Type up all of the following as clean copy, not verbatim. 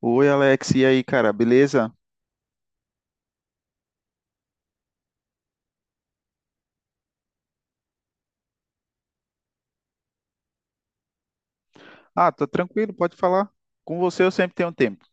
Oi, Alex, e aí, cara, beleza? Ah, tô tranquilo, pode falar. Com você eu sempre tenho tempo.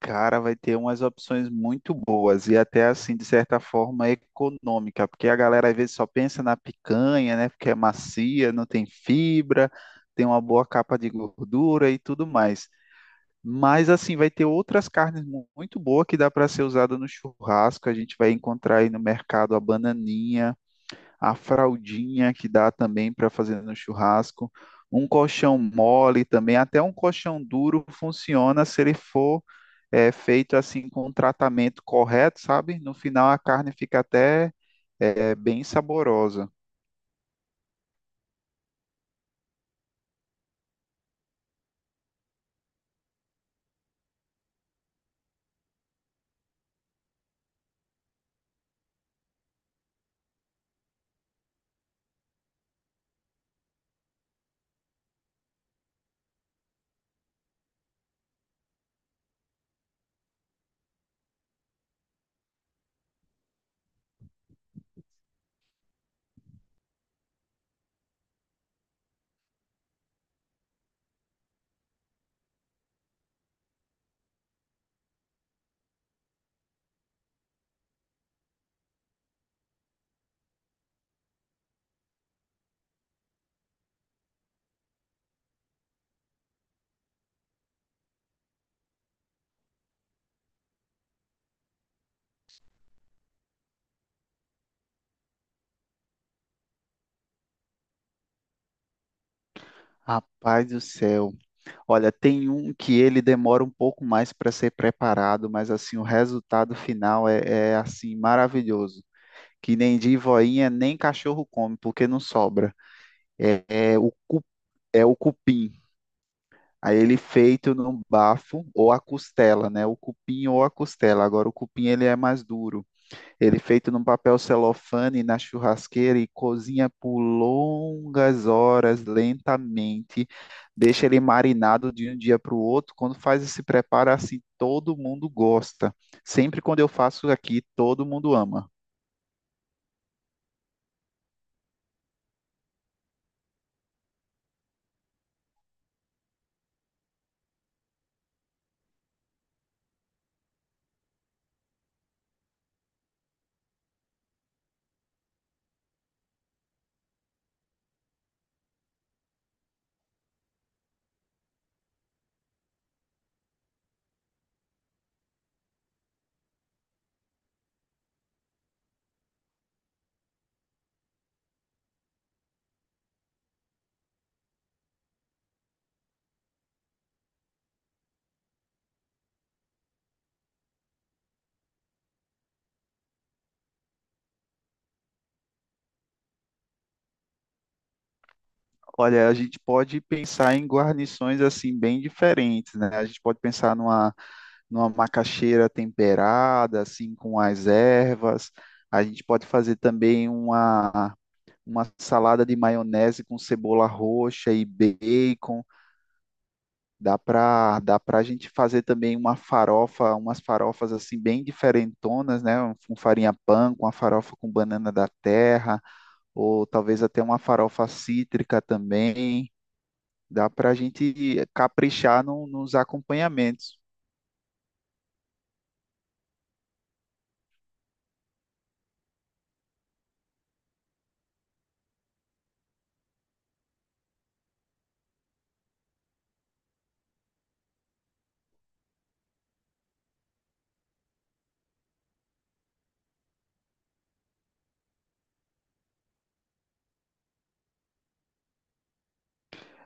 Cara, vai ter umas opções muito boas e até assim, de certa forma, econômica, porque a galera às vezes só pensa na picanha, né? Porque é macia, não tem fibra, tem uma boa capa de gordura e tudo mais. Mas assim, vai ter outras carnes muito boas que dá para ser usada no churrasco. A gente vai encontrar aí no mercado a bananinha, a fraldinha que dá também para fazer no churrasco, um colchão mole também, até um colchão duro funciona se ele for feito assim com um tratamento correto, sabe? No final a carne fica até bem saborosa. Rapaz do céu. Olha, tem um que ele demora um pouco mais para ser preparado, mas assim o resultado final é assim maravilhoso. Que nem de voinha, nem cachorro come, porque não sobra. É, é o, é o cupim. Aí ele feito no bafo ou a costela, né? O cupim ou a costela. Agora o cupim ele é mais duro. Ele feito num papel celofane na churrasqueira e cozinha por longas horas, lentamente. Deixa ele marinado de um dia para o outro. Quando faz esse preparo assim, todo mundo gosta. Sempre quando eu faço aqui, todo mundo ama. Olha, a gente pode pensar em guarnições assim bem diferentes, né? A gente pode pensar numa macaxeira temperada, assim, com as ervas. A gente pode fazer também uma salada de maionese com cebola roxa e bacon. Dá para a gente fazer também uma farofa, umas farofas assim bem diferentonas, né? Com farinha pan, com a farofa com banana da terra, ou talvez até uma farofa cítrica também. Dá para a gente caprichar nos acompanhamentos.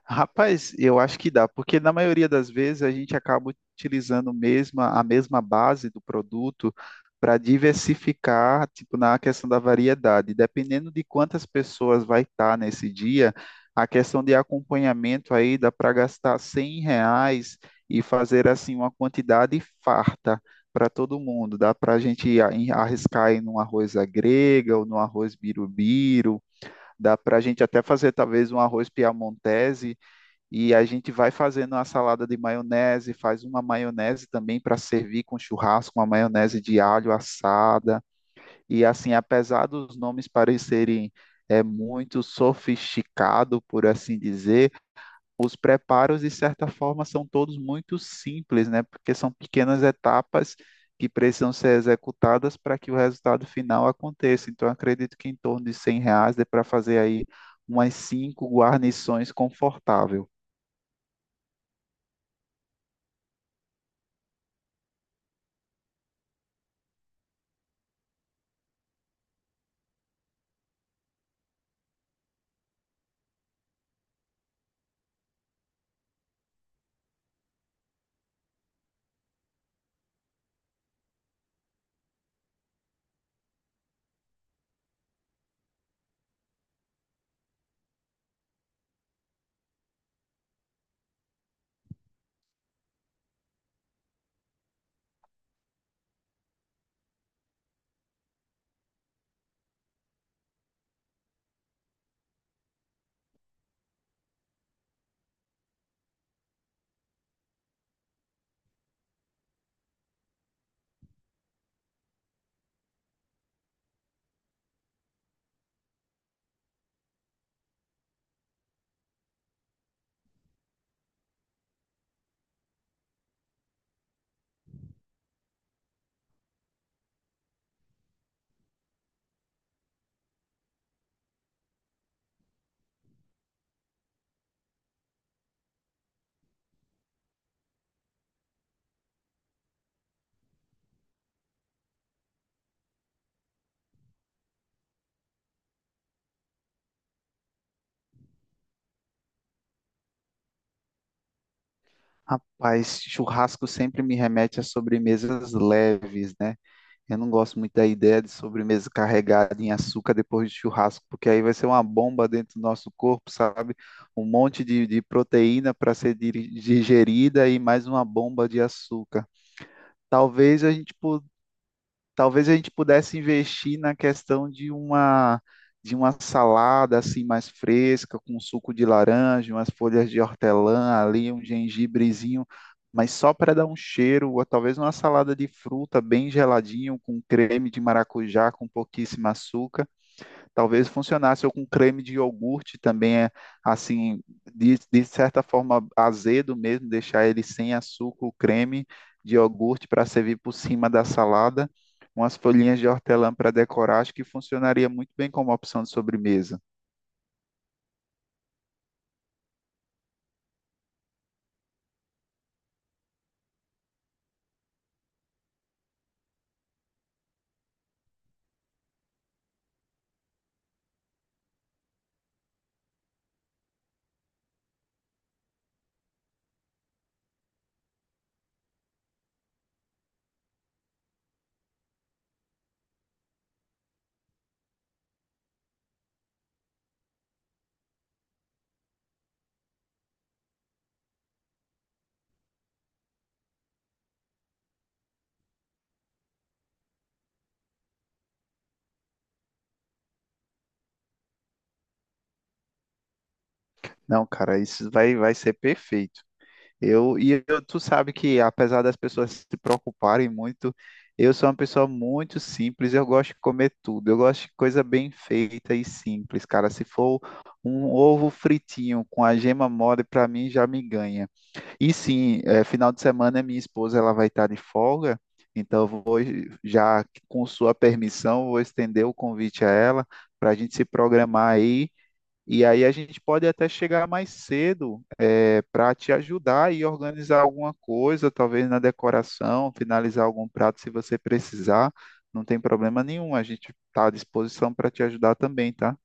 Rapaz, eu acho que dá, porque na maioria das vezes a gente acaba a mesma base do produto para diversificar, tipo, na questão da variedade. Dependendo de quantas pessoas vai estar nesse dia, a questão de acompanhamento aí dá para gastar R$ 100 e fazer, assim, uma quantidade farta para todo mundo. Dá para a gente arriscar em um arroz à grega ou no arroz birubiru. Dá para a gente até fazer talvez um arroz piamontese e a gente vai fazendo uma salada de maionese, faz uma maionese também para servir com churrasco, uma maionese de alho assada. E assim, apesar dos nomes parecerem é muito sofisticado, por assim dizer, os preparos de certa forma são todos muito simples, né? Porque são pequenas etapas que precisam ser executadas para que o resultado final aconteça. Então, eu acredito que em torno de R$ 100 dê para fazer aí umas 5 guarnições confortável. Rapaz, churrasco sempre me remete a sobremesas leves, né? Eu não gosto muito da ideia de sobremesa carregada em açúcar depois de churrasco, porque aí vai ser uma bomba dentro do nosso corpo, sabe? Um monte de proteína para ser digerida e mais uma bomba de açúcar. Talvez a gente po- Talvez a gente pudesse investir na questão de uma salada assim mais fresca, com suco de laranja, umas folhas de hortelã ali, um gengibrezinho, mas só para dar um cheiro, ou talvez uma salada de fruta bem geladinho, com creme de maracujá, com pouquíssimo açúcar. Talvez funcionasse ou com creme de iogurte também, é, assim, de certa forma azedo mesmo, deixar ele sem açúcar, o creme de iogurte para servir por cima da salada, umas folhinhas de hortelã para decorar, acho que funcionaria muito bem como opção de sobremesa. Não, cara, vai ser perfeito. E eu, tu sabe que, apesar das pessoas se preocuparem muito, eu sou uma pessoa muito simples, eu gosto de comer tudo, eu gosto de coisa bem feita e simples, cara. Se for um ovo fritinho com a gema mole, para mim já me ganha. E sim, final de semana minha esposa ela vai estar de folga, então já com sua permissão, vou estender o convite a ela para a gente se programar aí e aí a gente pode até chegar mais cedo, para te ajudar e organizar alguma coisa, talvez na decoração, finalizar algum prato se você precisar. Não tem problema nenhum, a gente está à disposição para te ajudar também, tá?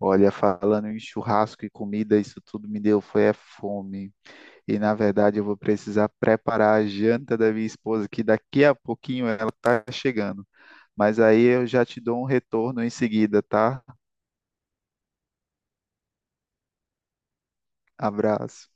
Olha, falando em churrasco e comida, isso tudo me deu foi é fome. E na verdade eu vou precisar preparar a janta da minha esposa, que daqui a pouquinho ela está chegando. Mas aí eu já te dou um retorno em seguida, tá? Abraço.